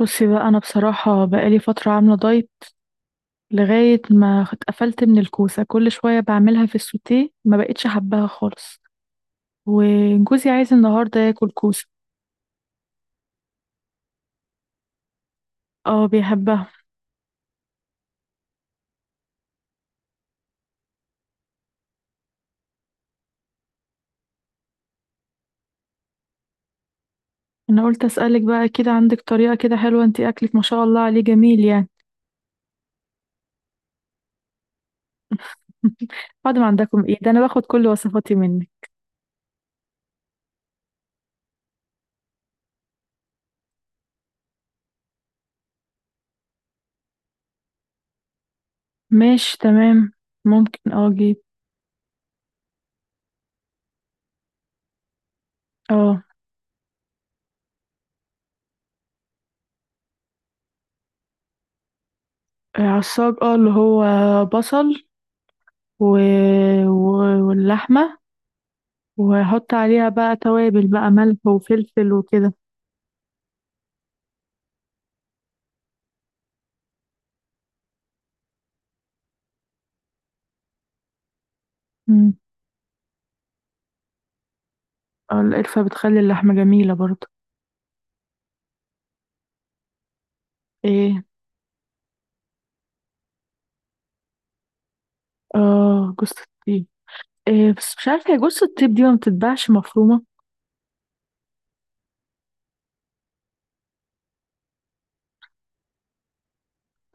بصي بقى، انا بصراحه بقالي فتره عامله دايت. لغايه ما اتقفلت من الكوسه، كل شويه بعملها في السوتيه، ما بقتش حباها خالص. وجوزي عايز النهارده ياكل كوسه. اه، بيحبها. انا قلت اسالك بقى كده، عندك طريقه كده حلوه؟ انت اكلك ما شاء الله عليه جميل يعني. بعد ما عندكم ايه ده، انا باخد كل وصفاتي منك. ماشي، تمام. ممكن اجيب. اه. عصاج اه اللي هو بصل و... و... واللحمه. وهحط عليها بقى توابل بقى، ملح وفلفل وكده. مم. آه، القرفة بتخلي اللحمة جميلة برضه. ايه. اه، جوز الطيب. إيه بس مش عارفة، هي جوز الطيب دي ما بتتباعش مفرومة.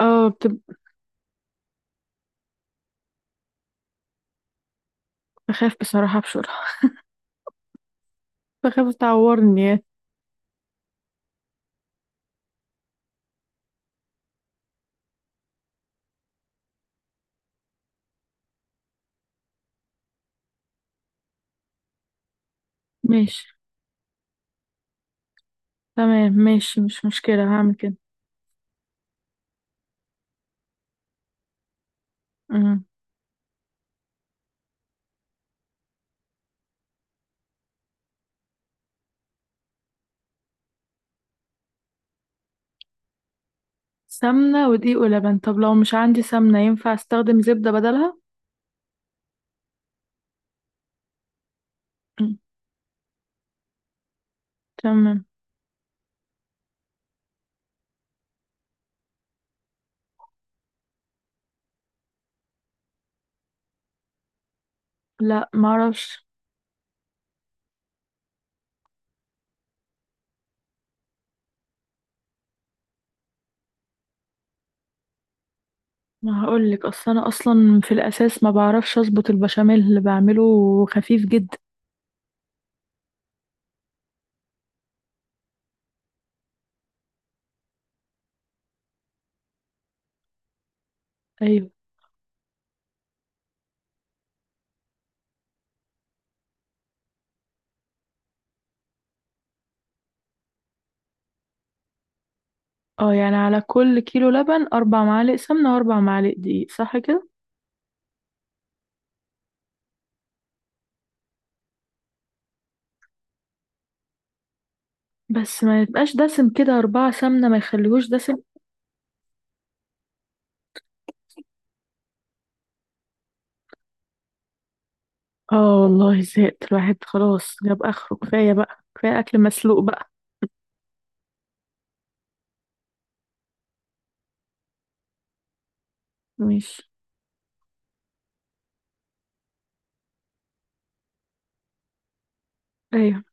اه. بخاف بصراحة ابشرها. بخاف تعورني يعني. ماشي، تمام. ماشي، مش مشكلة، هعمل كده. مم. سمنة ودقيق ولبن. طب لو مش عندي سمنة، ينفع استخدم زبدة بدلها؟ مم. تمام. لا، معرفش. ما هقول لك، اصل انا اصلا في الاساس ما بعرفش اظبط البشاميل اللي بعمله. خفيف جدا. ايوه. اه، يعني على كل كيلو لبن اربع معالق سمنه واربع معالق دقيق، صح كده؟ بس ما يبقاش دسم كده، اربعه سمنه ما يخليهوش دسم. اه والله زهقت، الواحد خلاص جاب اخره، كفايه بقى، كفايه اكل مسلوق بقى. ماشي. ايوه.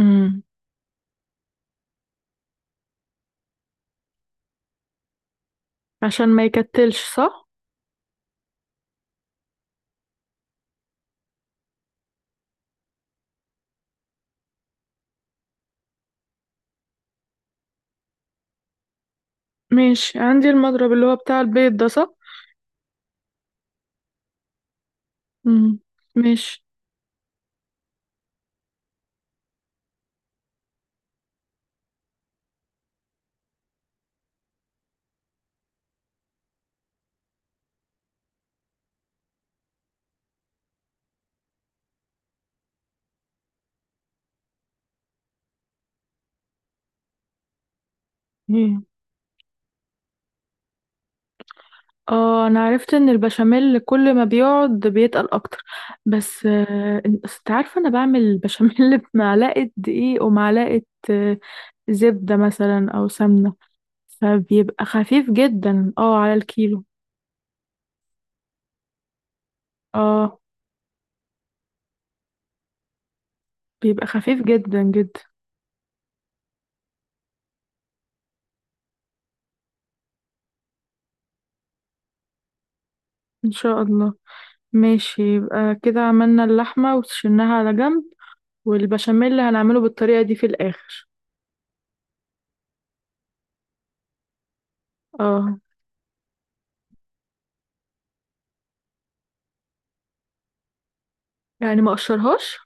امم. عشان ما يكتلش، صح. ماشي، عندي المضرب اللي هو بتاع البيض ده، صح؟ امم. ماشي. اه، انا عرفت ان البشاميل كل ما بيقعد بيتقل اكتر. بس انت عارفه، انا بعمل البشاميل بمعلقه دقيق ومعلقه آه، زبده مثلا او سمنه. فبيبقى خفيف جدا على الكيلو. اه، بيبقى خفيف جدا جدا. ان شاء الله. ماشي، يبقى كده عملنا اللحمه وشلناها على جنب. والبشاميل اللي هنعمله بالطريقه دي في الاخر. اه. يعني ما اقشرهاش.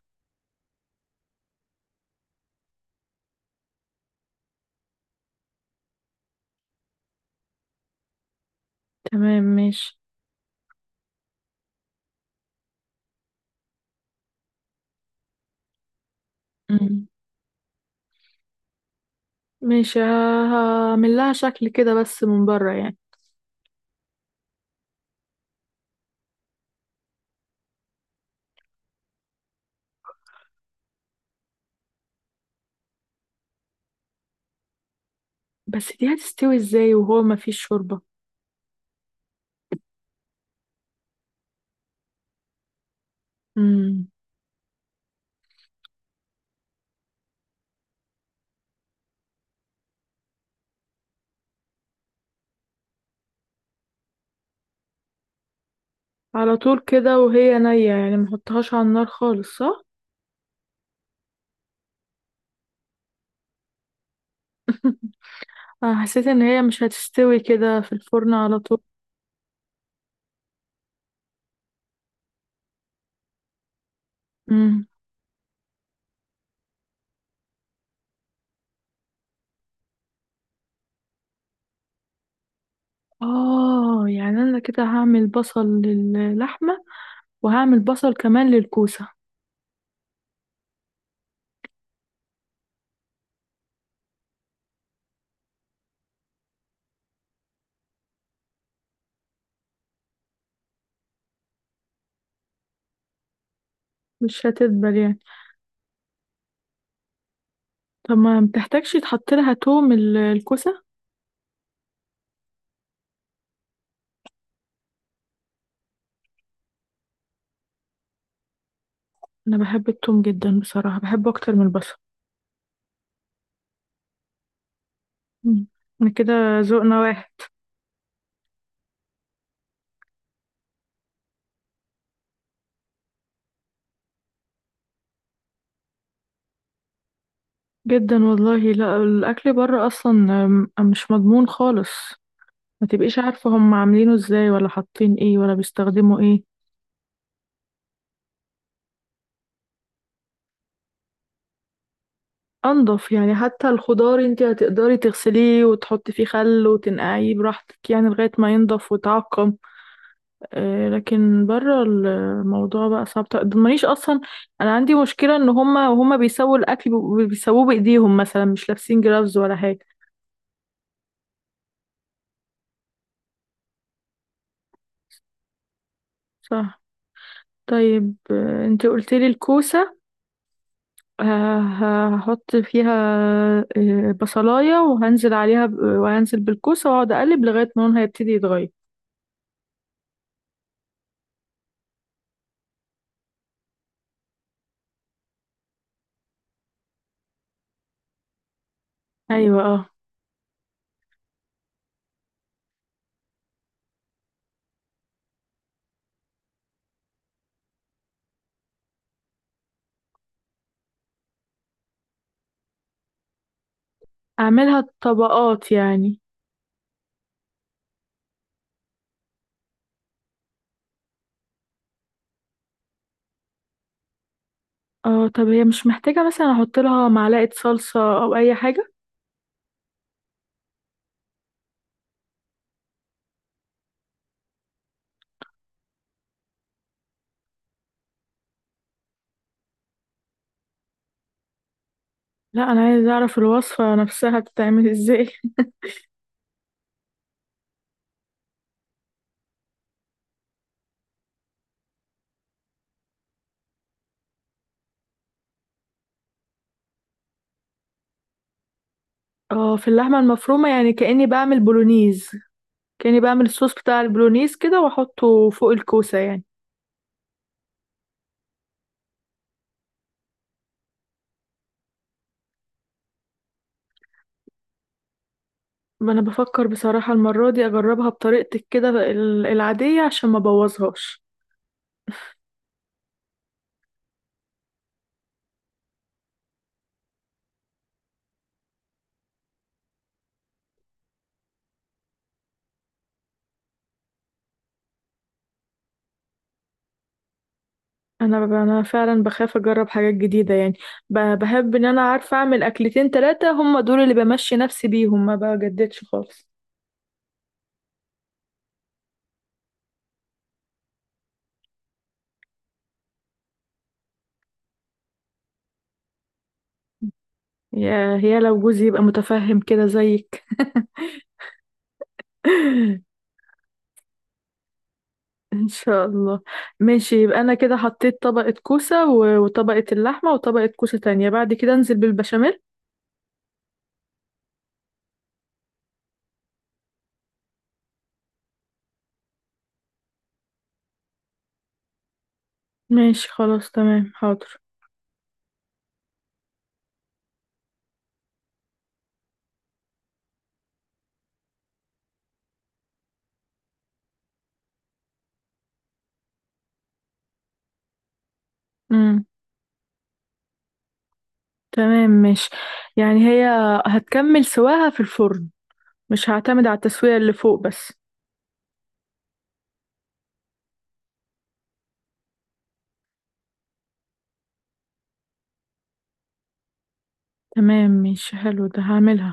تمام، ماشي. مم. مش ه- هعمل لها شكل كده بس من بره يعني. بس دي هتستوي ازاي وهو ما فيش شوربة؟ امم. على طول كده وهي نية؟ يعني ما احطهاش على النار خالص، صح؟ انا حسيت ان هي مش هتستوي كده في الفرن على طول. امم. اه، يعني انا كده هعمل بصل للحمة، وهعمل بصل كمان للكوسة. مش هتدبل يعني. طب ما بتحتاجش تحط لها توم، الكوسة؟ انا بحب التوم جدا بصراحة، بحبه اكتر من البصل. امم. انا كده، ذوقنا واحد. جدا والله. لا، الاكل بره اصلا مش مضمون خالص. ما تبقيش عارفه هم عاملينه ازاي، ولا حاطين ايه، ولا بيستخدموا ايه. انضف يعني، حتى الخضار انت هتقدري تغسليه وتحطي فيه خل وتنقعيه براحتك يعني لغايه ما ينضف ويتعقم. آه، لكن بره الموضوع بقى صعب. مانيش اصلا. انا عندي مشكله، ان هم بيسووا الاكل، بيسووه بايديهم مثلا، مش لابسين جرافز ولا حاجه. صح. طيب انت قلت لي الكوسه هحط فيها بصلاية، وهنزل عليها وهنزل بالكوسة، واقعد اقلب لغاية ما لونها يبتدي يتغير. ايوه. اه. اعملها طبقات يعني. اه. طب هي مش محتاجة مثلا احط لها معلقة صلصة او اي حاجة؟ لا، انا عايزة اعرف الوصفة نفسها بتتعمل ازاي. اه، في اللحمة المفرومة، يعني كأني بعمل بولونيز. كأني بعمل الصوص بتاع البولونيز كده واحطه فوق الكوسة يعني. ما انا بفكر بصراحة المرة دي اجربها بطريقتك كده العادية عشان ما بوظهاش. انا فعلا بخاف اجرب حاجات جديده يعني. بحب ان انا عارفه اعمل اكلتين ثلاثه، هم دول اللي بمشي نفسي بيهم، ما بجددش خالص. يا لو جوزي يبقى متفهم كده زيك. ان شاء الله. ماشي، يبقى انا كده حطيت طبقه كوسه وطبقه اللحمه وطبقه كوسه تانية، بعد كده انزل بالبشاميل. ماشي، خلاص، تمام، حاضر. امم. تمام، ماشي. يعني هي هتكمل سواها في الفرن، مش هعتمد على التسويه اللي فوق بس. تمام، ماشي، حلو، ده هعملها.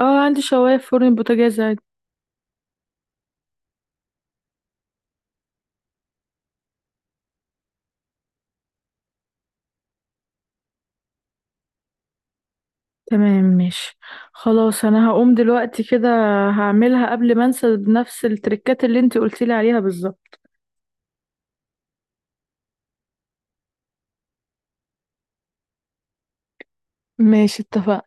اه، عندي شواية في فرن البوتاجاز عادي. تمام، ماشي. خلاص انا هقوم دلوقتي كده، هعملها قبل ما انسى بنفس التركات اللي انت قلتيلي عليها بالظبط. ماشي، اتفقنا.